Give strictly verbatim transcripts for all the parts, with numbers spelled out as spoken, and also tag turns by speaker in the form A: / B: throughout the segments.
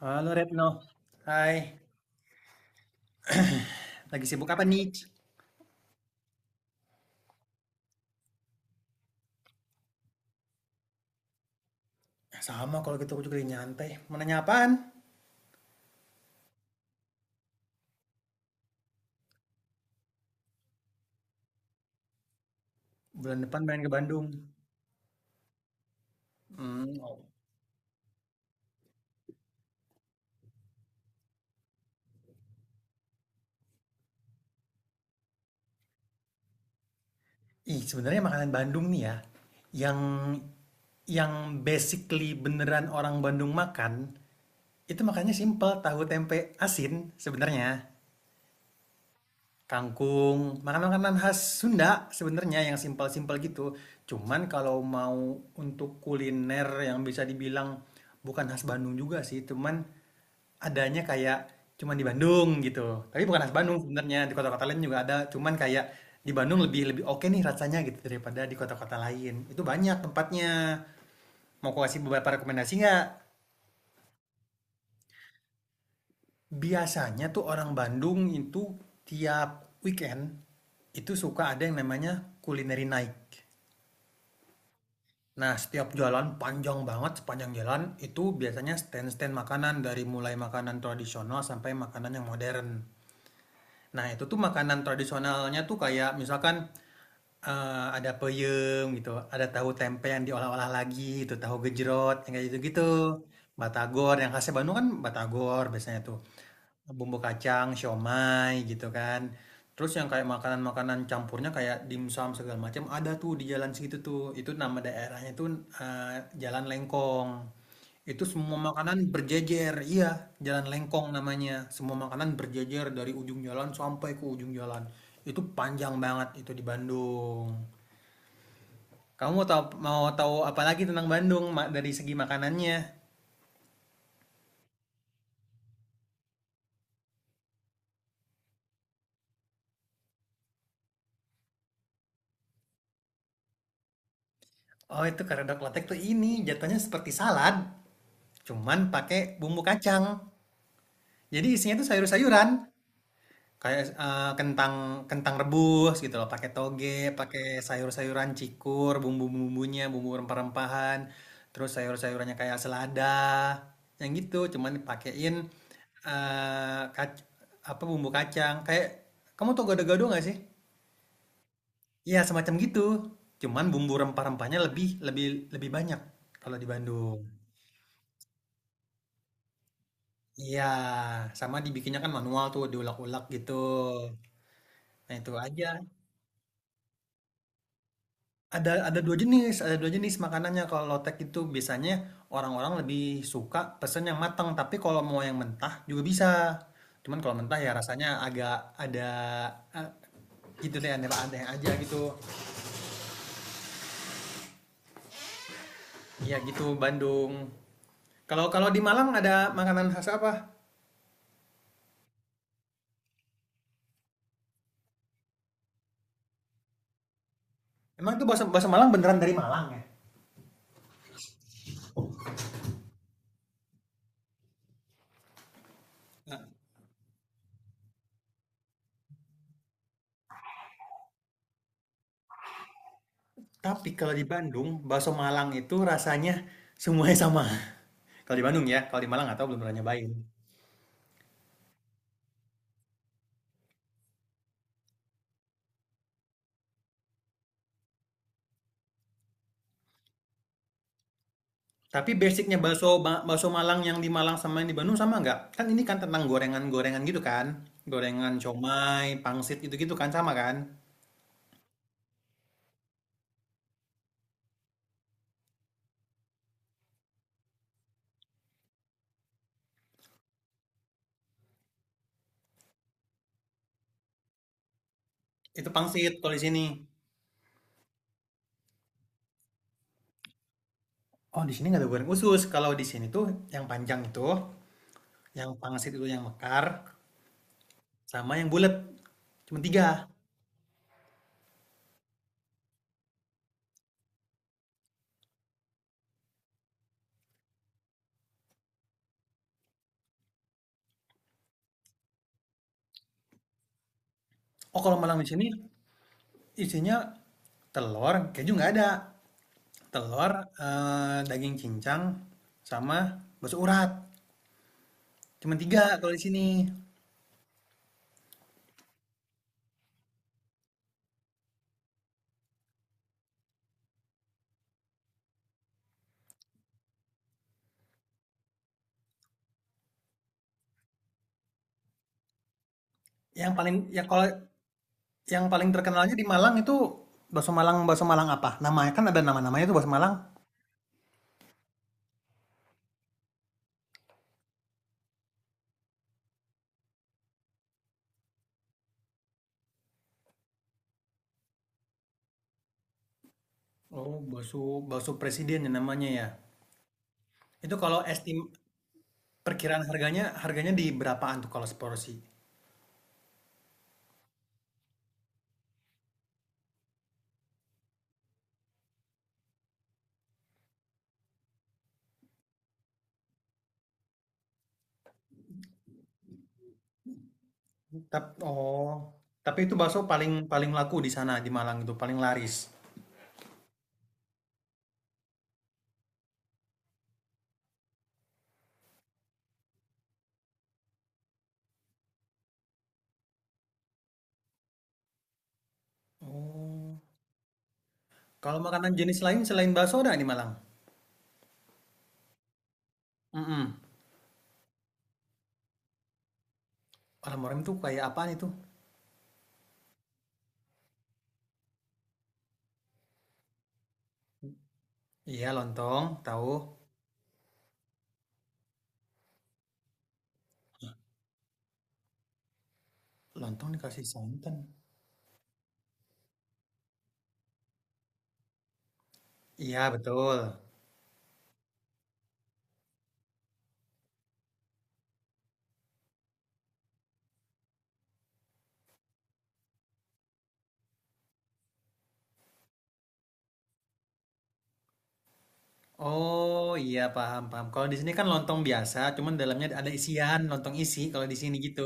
A: Halo Retno, hai. Lagi sibuk apa nih? Sama kalau gitu aku juga lagi nyantai. Mau nanya apaan? Bulan depan main ke Bandung. Hmm, oh. Ih, sebenarnya makanan Bandung nih ya, yang yang basically beneran orang Bandung makan, itu makannya simple, tahu tempe asin sebenarnya. Kangkung, makanan-makanan khas Sunda sebenarnya yang simpel-simpel gitu. Cuman kalau mau untuk kuliner yang bisa dibilang bukan khas Bandung juga sih, cuman adanya kayak cuman di Bandung gitu, tapi bukan khas Bandung sebenarnya, di kota-kota lain juga ada, cuman kayak di Bandung lebih lebih oke nih rasanya gitu daripada di kota-kota lain. Itu banyak tempatnya. Mau aku kasih beberapa rekomendasi nggak? Biasanya tuh orang Bandung itu tiap weekend itu suka ada yang namanya culinary night. Nah, setiap jalan panjang banget, sepanjang jalan itu biasanya stand-stand makanan dari mulai makanan tradisional sampai makanan yang modern. Nah, itu tuh makanan tradisionalnya tuh kayak misalkan, eee, ada peyem gitu, ada tahu tempe yang diolah-olah lagi itu, tahu gejrot yang kayak gitu-gitu, batagor yang khasnya Bandung kan batagor biasanya tuh, bumbu kacang, siomay gitu kan. Terus yang kayak makanan-makanan campurnya kayak dimsum segala macam ada tuh di jalan segitu tuh, itu nama daerahnya tuh, eee, Jalan Lengkong. Itu semua makanan berjejer, iya, jalan lengkong namanya. Semua makanan berjejer dari ujung jalan sampai ke ujung jalan. Itu panjang banget itu di Bandung. Kamu mau tahu mau tahu apa lagi tentang Bandung Ma- dari segi makanannya? Oh, itu karedok letek tuh ini jatuhnya seperti salad, cuman pakai bumbu kacang. Jadi isinya tuh sayur-sayuran. Kayak, eee, kentang kentang rebus gitu loh, pakai toge, pakai sayur-sayuran cikur, bumbu-bumbunya, bumbu rempah-rempahan, terus sayur-sayurannya kayak selada, yang gitu. Cuman dipakein, eee, kac apa, bumbu kacang. Kayak kamu tau gado-gado nggak sih? Iya, semacam gitu. Cuman bumbu rempah-rempahnya lebih lebih lebih banyak kalau di Bandung. Iya, sama dibikinnya kan manual tuh, diulek-ulek gitu. Nah, itu aja. Ada ada dua jenis ada dua jenis makanannya kalau lotek itu biasanya orang-orang lebih suka pesen yang matang. Tapi kalau mau yang mentah juga bisa. Cuman kalau mentah ya rasanya agak ada, eee, gitu deh aneh-aneh aja gitu. Ya gitu Bandung. Kalau kalau di Malang ada makanan khas apa? Emang itu bakso bakso Malang beneran dari Malang ya? Tapi kalau di Bandung, bakso Malang itu rasanya semuanya sama. Kalau di Bandung ya, kalau di Malang nggak tahu belum pernah nyobain. Tapi basicnya bakso bakso Malang yang di Malang sama yang di Bandung sama nggak? Kan ini kan tentang gorengan-gorengan gitu kan, gorengan comai, pangsit gitu-gitu kan sama kan? Itu pangsit kalau di sini. Oh di sini nggak ada goreng khusus. Kalau di sini tuh yang panjang itu, yang pangsit itu yang mekar, sama yang bulat. Cuma tiga. Oh kalau Malang di sini isinya telur, keju nggak ada. Telur, eh, daging cincang, sama bakso urat. Cuma tiga kalau di sini. Yang paling ya kalau Yang paling terkenalnya di Malang itu bakso Malang, bakso Malang apa? Namanya kan ada nama-namanya itu bakso Malang. Oh, bakso bakso presiden ya namanya ya. Itu kalau estim perkiraan harganya harganya di berapaan tuh kalau seporsi? Tap- oh, tapi itu bakso paling paling laku di sana di Malang itu paling laris. Oh, kalau makanan jenis lain selain bakso ada di Malang? Mm-mm. Orang-orang kayak apaan itu? Iya, lontong, tahu. Lontong dikasih santan. Iya, betul. Oh iya paham paham. Kalau di sini kan lontong biasa, cuman dalamnya ada isian lontong isi. Kalau di sini gitu,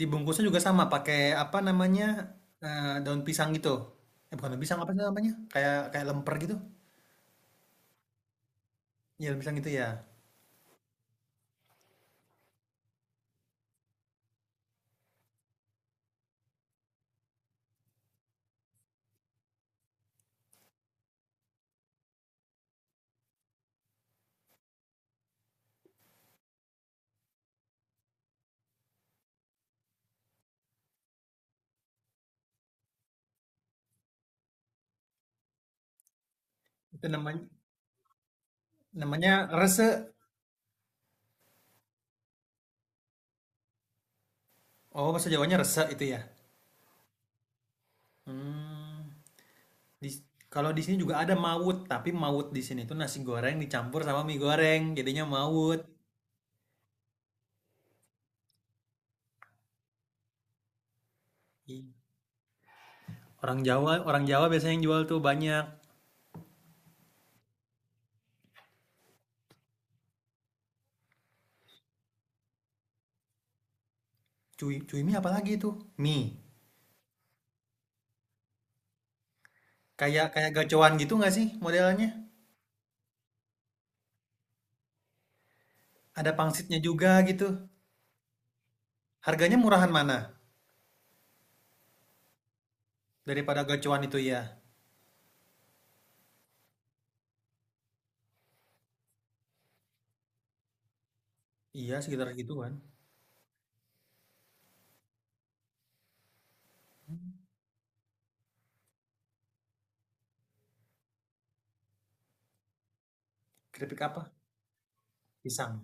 A: dibungkusnya juga sama pakai apa namanya eh, daun pisang gitu. Eh bukan daun pisang apa sih namanya? Kayak kayak lemper gitu. Ya daun pisang gitu ya. Itu namanya namanya rese. Oh bahasa Jawanya rese itu ya. Hmm. Di, Kalau di sini juga ada mawut, tapi mawut di sini itu nasi goreng dicampur sama mie goreng, jadinya mawut. Ih. Orang Jawa, orang Jawa biasanya yang jual tuh banyak. Cuy, cuy mie apa lagi itu? Mie. Kayak kayak gacoan gitu nggak sih modelnya? Ada pangsitnya juga gitu. Harganya murahan mana? Daripada gacoan itu ya. Iya, sekitar gituan. kan. Keripik apa? Pisang.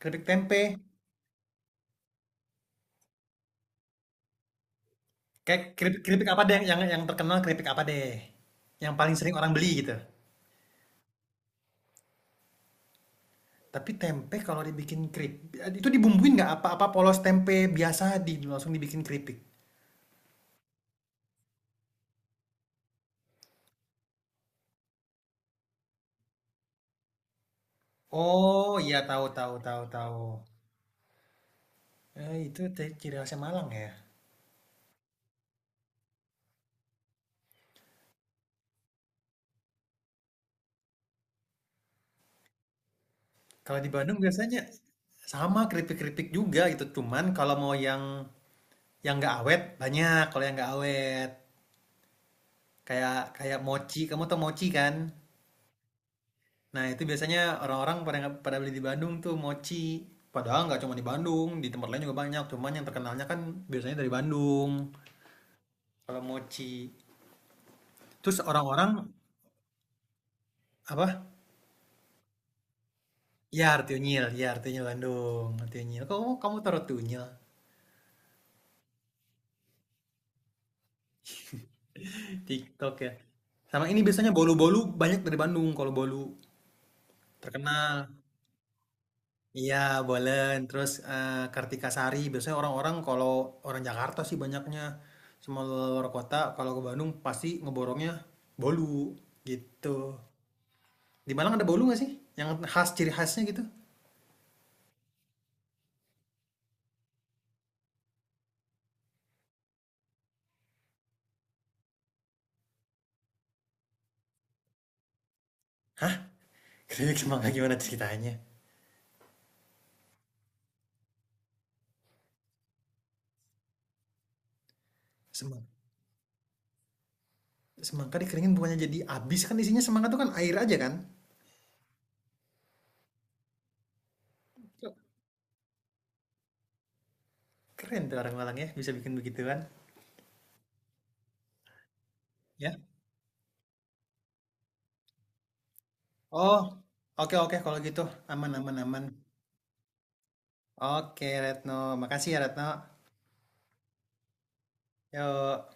A: Keripik tempe. Kayak keripik, keripik apa deh yang yang terkenal keripik apa deh? Yang paling sering orang beli gitu. Tapi tempe kalau dibikin keripik itu dibumbuin nggak apa-apa polos tempe biasa di langsung dibikin keripik. Oh iya tahu tahu tahu tahu. Eh, itu te- ciri khasnya Malang ya. Kalau di Bandung biasanya sama keripik-keripik juga gitu. Cuman kalau mau yang yang nggak awet banyak. Kalau yang nggak awet kayak kayak mochi. Kamu tau mochi kan? Nah itu biasanya orang-orang pada pada beli di Bandung tuh mochi. Padahal nggak cuma di Bandung, di tempat lain juga banyak. Cuman yang terkenalnya kan biasanya dari Bandung. Kalau mochi. Terus orang-orang apa? Yar Tunyil, Yar Tunyil Bandung, Tunyil. Kok kamu kamu taruh Tunyil? TikTok ya. Sama ini biasanya bolu-bolu banyak dari Bandung kalau bolu. Terkenal. Iya, Bolen. Terus eh, Kartika Sari. Biasanya orang-orang kalau orang Jakarta sih banyaknya sama luar kota. Kalau ke Bandung pasti ngeborongnya bolu gitu. Di Malang ada bolu nggak sih? Yang khas ciri khasnya gitu? Hah? Keripik semangka gimana ceritanya? Semangka. Semangka dikeringin bukannya jadi abis kan isinya semangka tuh kan air aja kan? Keren tuh orang Malang ya bisa bikin begituan. Ya. Oh. Oke oke kalau gitu aman aman aman. Oke Retno, makasih ya Retno. Ya.